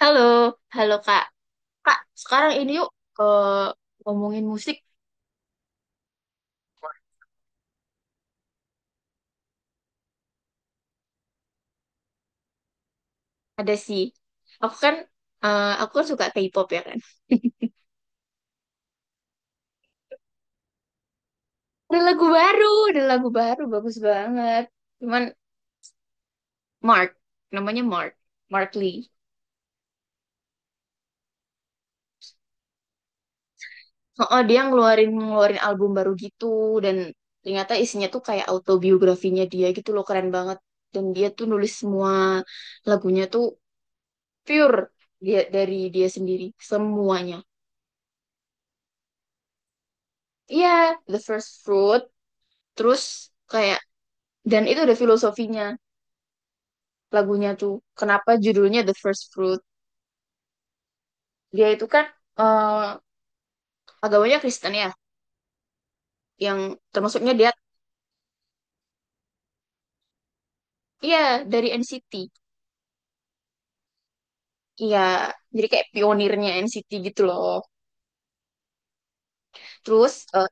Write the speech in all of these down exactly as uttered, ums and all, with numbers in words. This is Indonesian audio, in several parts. Halo, halo Kak. Kak, sekarang ini yuk ke ngomongin musik. Ada sih. Aku kan eh, aku kan suka K-pop, ya kan? Ada lagu baru, ada lagu baru bagus banget. Cuman Mark, namanya Mark, Mark Lee. Oh, dia ngeluarin ngeluarin album baru gitu, dan ternyata isinya tuh kayak autobiografinya dia gitu loh, keren banget. Dan dia tuh nulis semua lagunya tuh pure dia dari dia sendiri semuanya. Iya, The First Fruit. Terus kayak, dan itu ada filosofinya lagunya tuh. Kenapa judulnya The First Fruit? Dia itu kan, eh, agamanya Kristen ya, yang termasuknya dia. Iya, dari N C T. Iya, jadi kayak pionirnya N C T gitu loh. Terus, eh,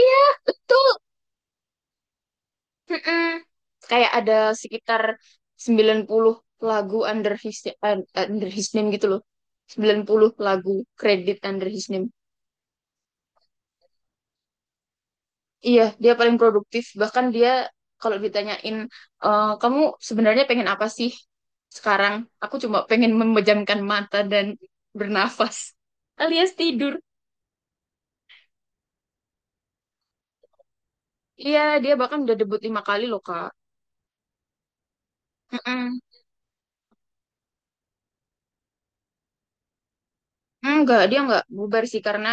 iya, betul. Mm-mm. Kayak ada sekitar sembilan puluh lagu under his eh, under his name gitu loh. Sembilan puluh lagu kredit under his name. Iya, dia paling produktif. Bahkan dia kalau ditanyain, "Eh, kamu sebenarnya pengen apa sih sekarang? Aku cuma pengen memejamkan mata dan bernafas, alias tidur." Iya, dia bahkan udah debut lima kali loh, Kak. Mm-mm. Enggak, dia enggak bubar sih, karena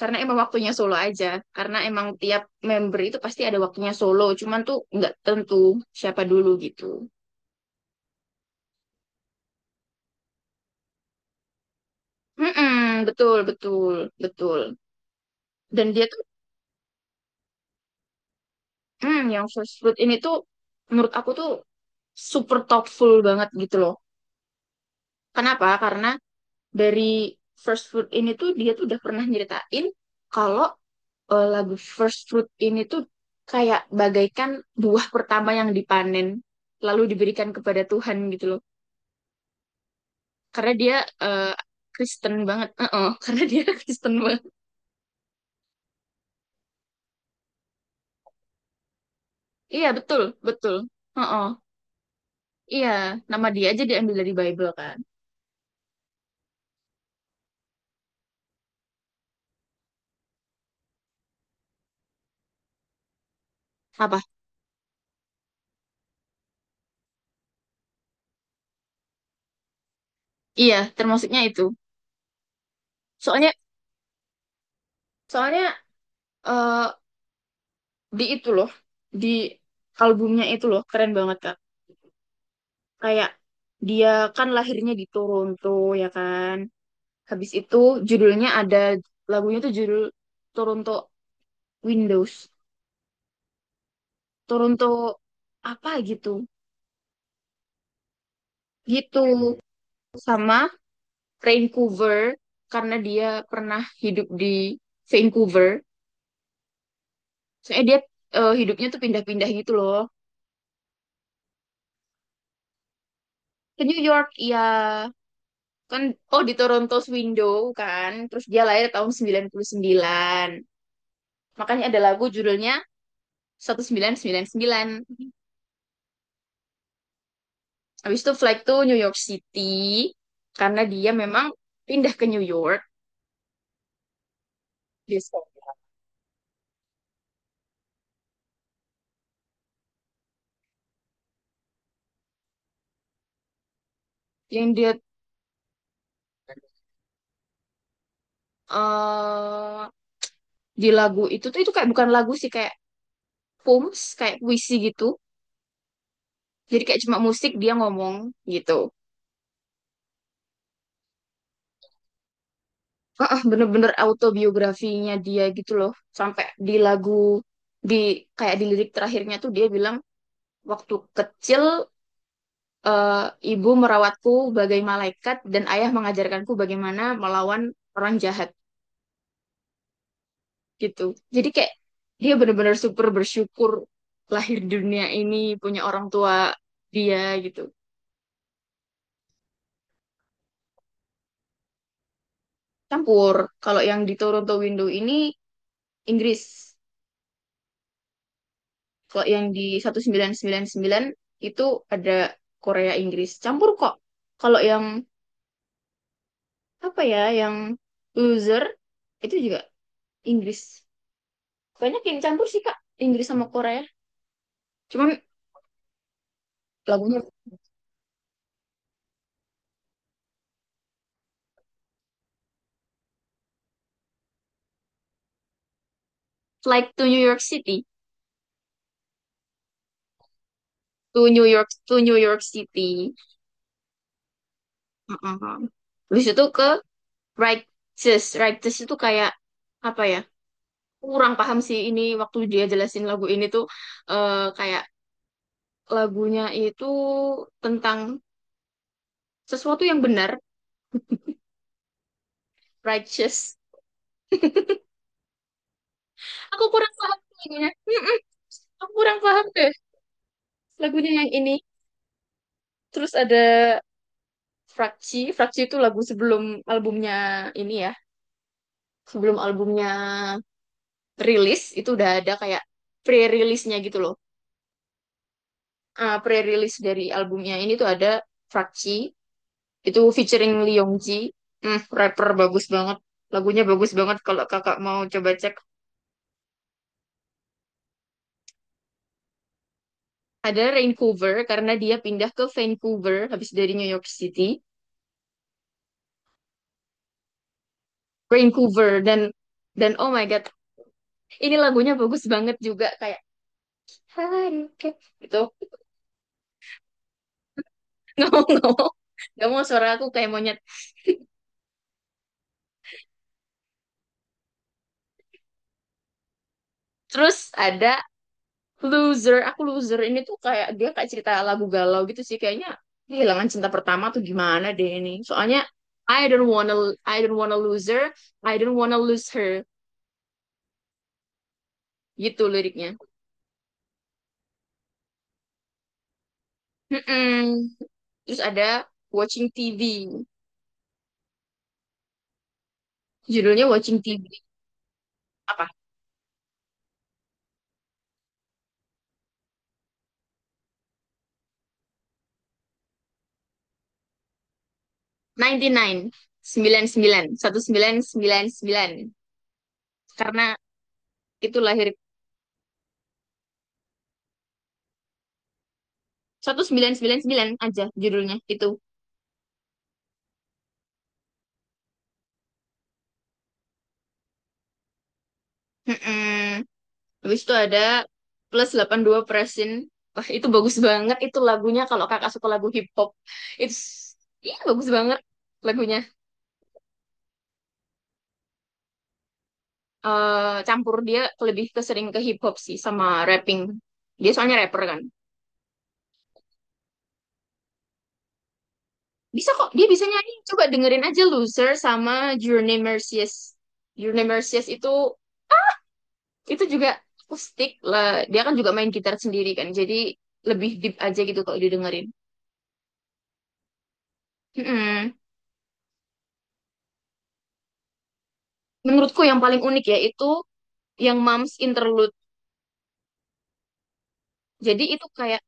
karena emang waktunya solo aja. Karena emang tiap member itu pasti ada waktunya solo. Cuman tuh enggak tentu siapa dulu gitu. Mm-mm, betul, betul, betul. Dan dia Hmm, yang first fruit ini tuh menurut aku tuh super thoughtful banget gitu loh. Kenapa? Karena dari first fruit ini tuh dia tuh udah pernah nyeritain kalau, eh, lagu first fruit ini tuh kayak bagaikan buah pertama yang dipanen lalu diberikan kepada Tuhan gitu loh. Karena dia eh, Kristen banget. Heeh, karena dia Kristen banget. Iya, betul, betul. Heeh. Iya, nama dia aja diambil dari Bible kan. Apa? Iya, termasuknya itu. Soalnya soalnya eh di itu loh, di albumnya itu loh keren banget, Kak. Kayak dia kan lahirnya di Toronto, ya kan, habis itu judulnya ada, lagunya tuh judul Toronto Windows, Toronto apa gitu gitu sama Vancouver, karena dia pernah hidup di Vancouver. Soalnya dia, eh, hidupnya tuh pindah-pindah gitu loh, ke New York, iya kan. Oh, di Toronto Window kan, terus dia lahir tahun sembilan puluh sembilan, makanya ada lagu judulnya seribu sembilan ratus sembilan puluh sembilan. Habis itu flight to New York City, karena dia memang pindah ke New York. Disco. Yang dia eh di lagu itu tuh, itu kayak bukan lagu sih, kayak poems, kayak puisi gitu, jadi kayak cuma musik dia ngomong gitu. Ah, bener-bener autobiografinya dia gitu loh, sampai di lagu, di, kayak di lirik terakhirnya tuh dia bilang, "Waktu kecil, eh, ibu merawatku bagai malaikat dan ayah mengajarkanku bagaimana melawan orang jahat," gitu. Jadi kayak dia benar-benar super bersyukur lahir di dunia ini punya orang tua dia gitu. Campur. Kalau yang di Toronto Window ini, Inggris. Kalau yang di seribu sembilan ratus sembilan puluh sembilan itu, ada Korea Inggris. Campur kok. Kalau yang apa ya, yang loser itu juga Inggris. Kayaknya kayak campur sih, Kak, Inggris sama Korea. Cuman lagunya, Flight to New York City, to New York, to New York City. Heeh. Terus itu ke Righteous. Righteous itu kayak apa ya? Kurang paham sih ini waktu dia jelasin lagu ini tuh, eh, kayak lagunya itu tentang sesuatu yang benar, righteous. Aku kurang paham lagunya. Mm-mm. Aku kurang paham deh lagunya yang ini. Terus ada Frakci. Frakci itu lagu sebelum albumnya ini ya, sebelum albumnya rilis itu udah ada kayak pre release nya gitu loh. Ah, pre release dari albumnya ini tuh ada Frakci, itu featuring Lee Yong. Hmm, rapper bagus banget. Lagunya bagus banget kalau kakak mau coba cek. Ada Vancouver karena dia pindah ke Vancouver habis dari New York City. Vancouver dan dan oh my God, ini lagunya bagus banget juga, kayak Haruka gitu. Nggak mau, nggak mau, nggak mau, suara aku kayak monyet. Terus ada loser, aku loser ini tuh kayak dia kayak cerita lagu galau gitu sih kayaknya, kehilangan cinta pertama tuh gimana deh, ini soalnya, "I don't wanna, I don't wanna lose her, I don't wanna lose her," gitu liriknya. Mm-mm. Terus ada watching T V, judulnya watching T V, apa, sembilan puluh sembilan, sembilan, 99, sembilan, seribu sembilan ratus sembilan puluh sembilan. Karena itu lahir seribu sembilan ratus sembilan puluh sembilan aja judulnya itu. Mm-mm. Habis itu ada plus delapan dua Presin. Wah, itu bagus banget itu lagunya, kalau kakak suka lagu hip hop. Itu, iya, bagus banget lagunya. Eh campur dia, lebih ke sering ke hip hop sih, sama rapping. Dia soalnya rapper kan. Bisa kok, dia bisa nyanyi. Coba dengerin aja Loser sama Journey Mercies. Journey Mercies itu itu juga akustik lah. Dia kan juga main gitar sendiri kan. Jadi lebih deep aja gitu kalau didengerin. Mm-mm. Menurutku yang paling unik ya itu yang Moms Interlude. Jadi itu kayak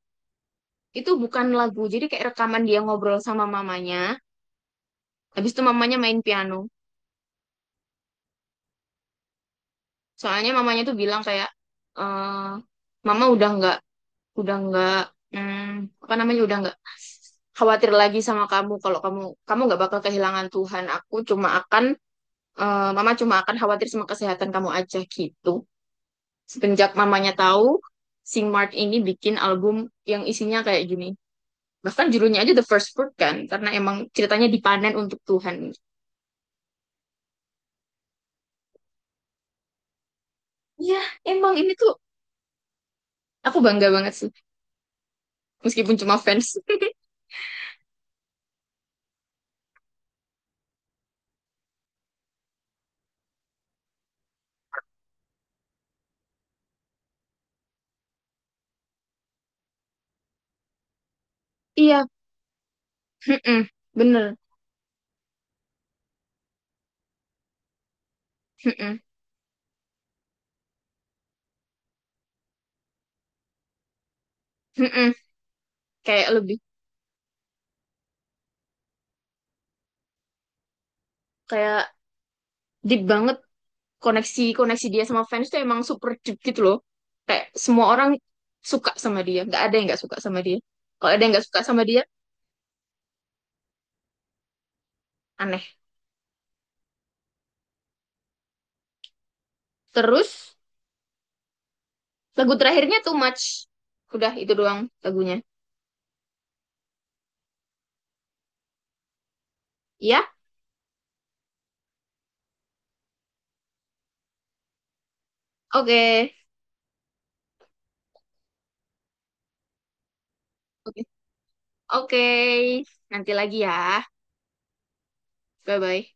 itu bukan lagu, jadi kayak rekaman dia ngobrol sama mamanya. Habis itu mamanya main piano. Soalnya mamanya tuh bilang kayak, eh mama udah nggak, udah nggak, hmm, apa namanya, udah nggak khawatir lagi sama kamu, kalau kamu kamu nggak bakal kehilangan Tuhan. Aku cuma akan eh, mama cuma akan khawatir sama kesehatan kamu aja gitu. Semenjak mamanya tahu Sing Mart ini bikin album yang isinya kayak gini, bahkan judulnya aja the first fruit kan, karena emang ceritanya dipanen untuk Tuhan. Iya, emang ini tuh aku bangga banget sih, meskipun cuma fans. Iya, mm-mm, bener. Mm-mm, mm-mm. Kayak lebih, kayak deep banget, koneksi koneksi dia sama fans tuh emang super deep gitu loh. Kayak semua orang suka sama dia, nggak ada yang nggak suka sama dia. Kalau ada yang nggak suka sama dia, aneh. Terus lagu terakhirnya too much, udah itu doang lagunya. Ya, oke. Oke, nanti lagi ya. Bye-bye.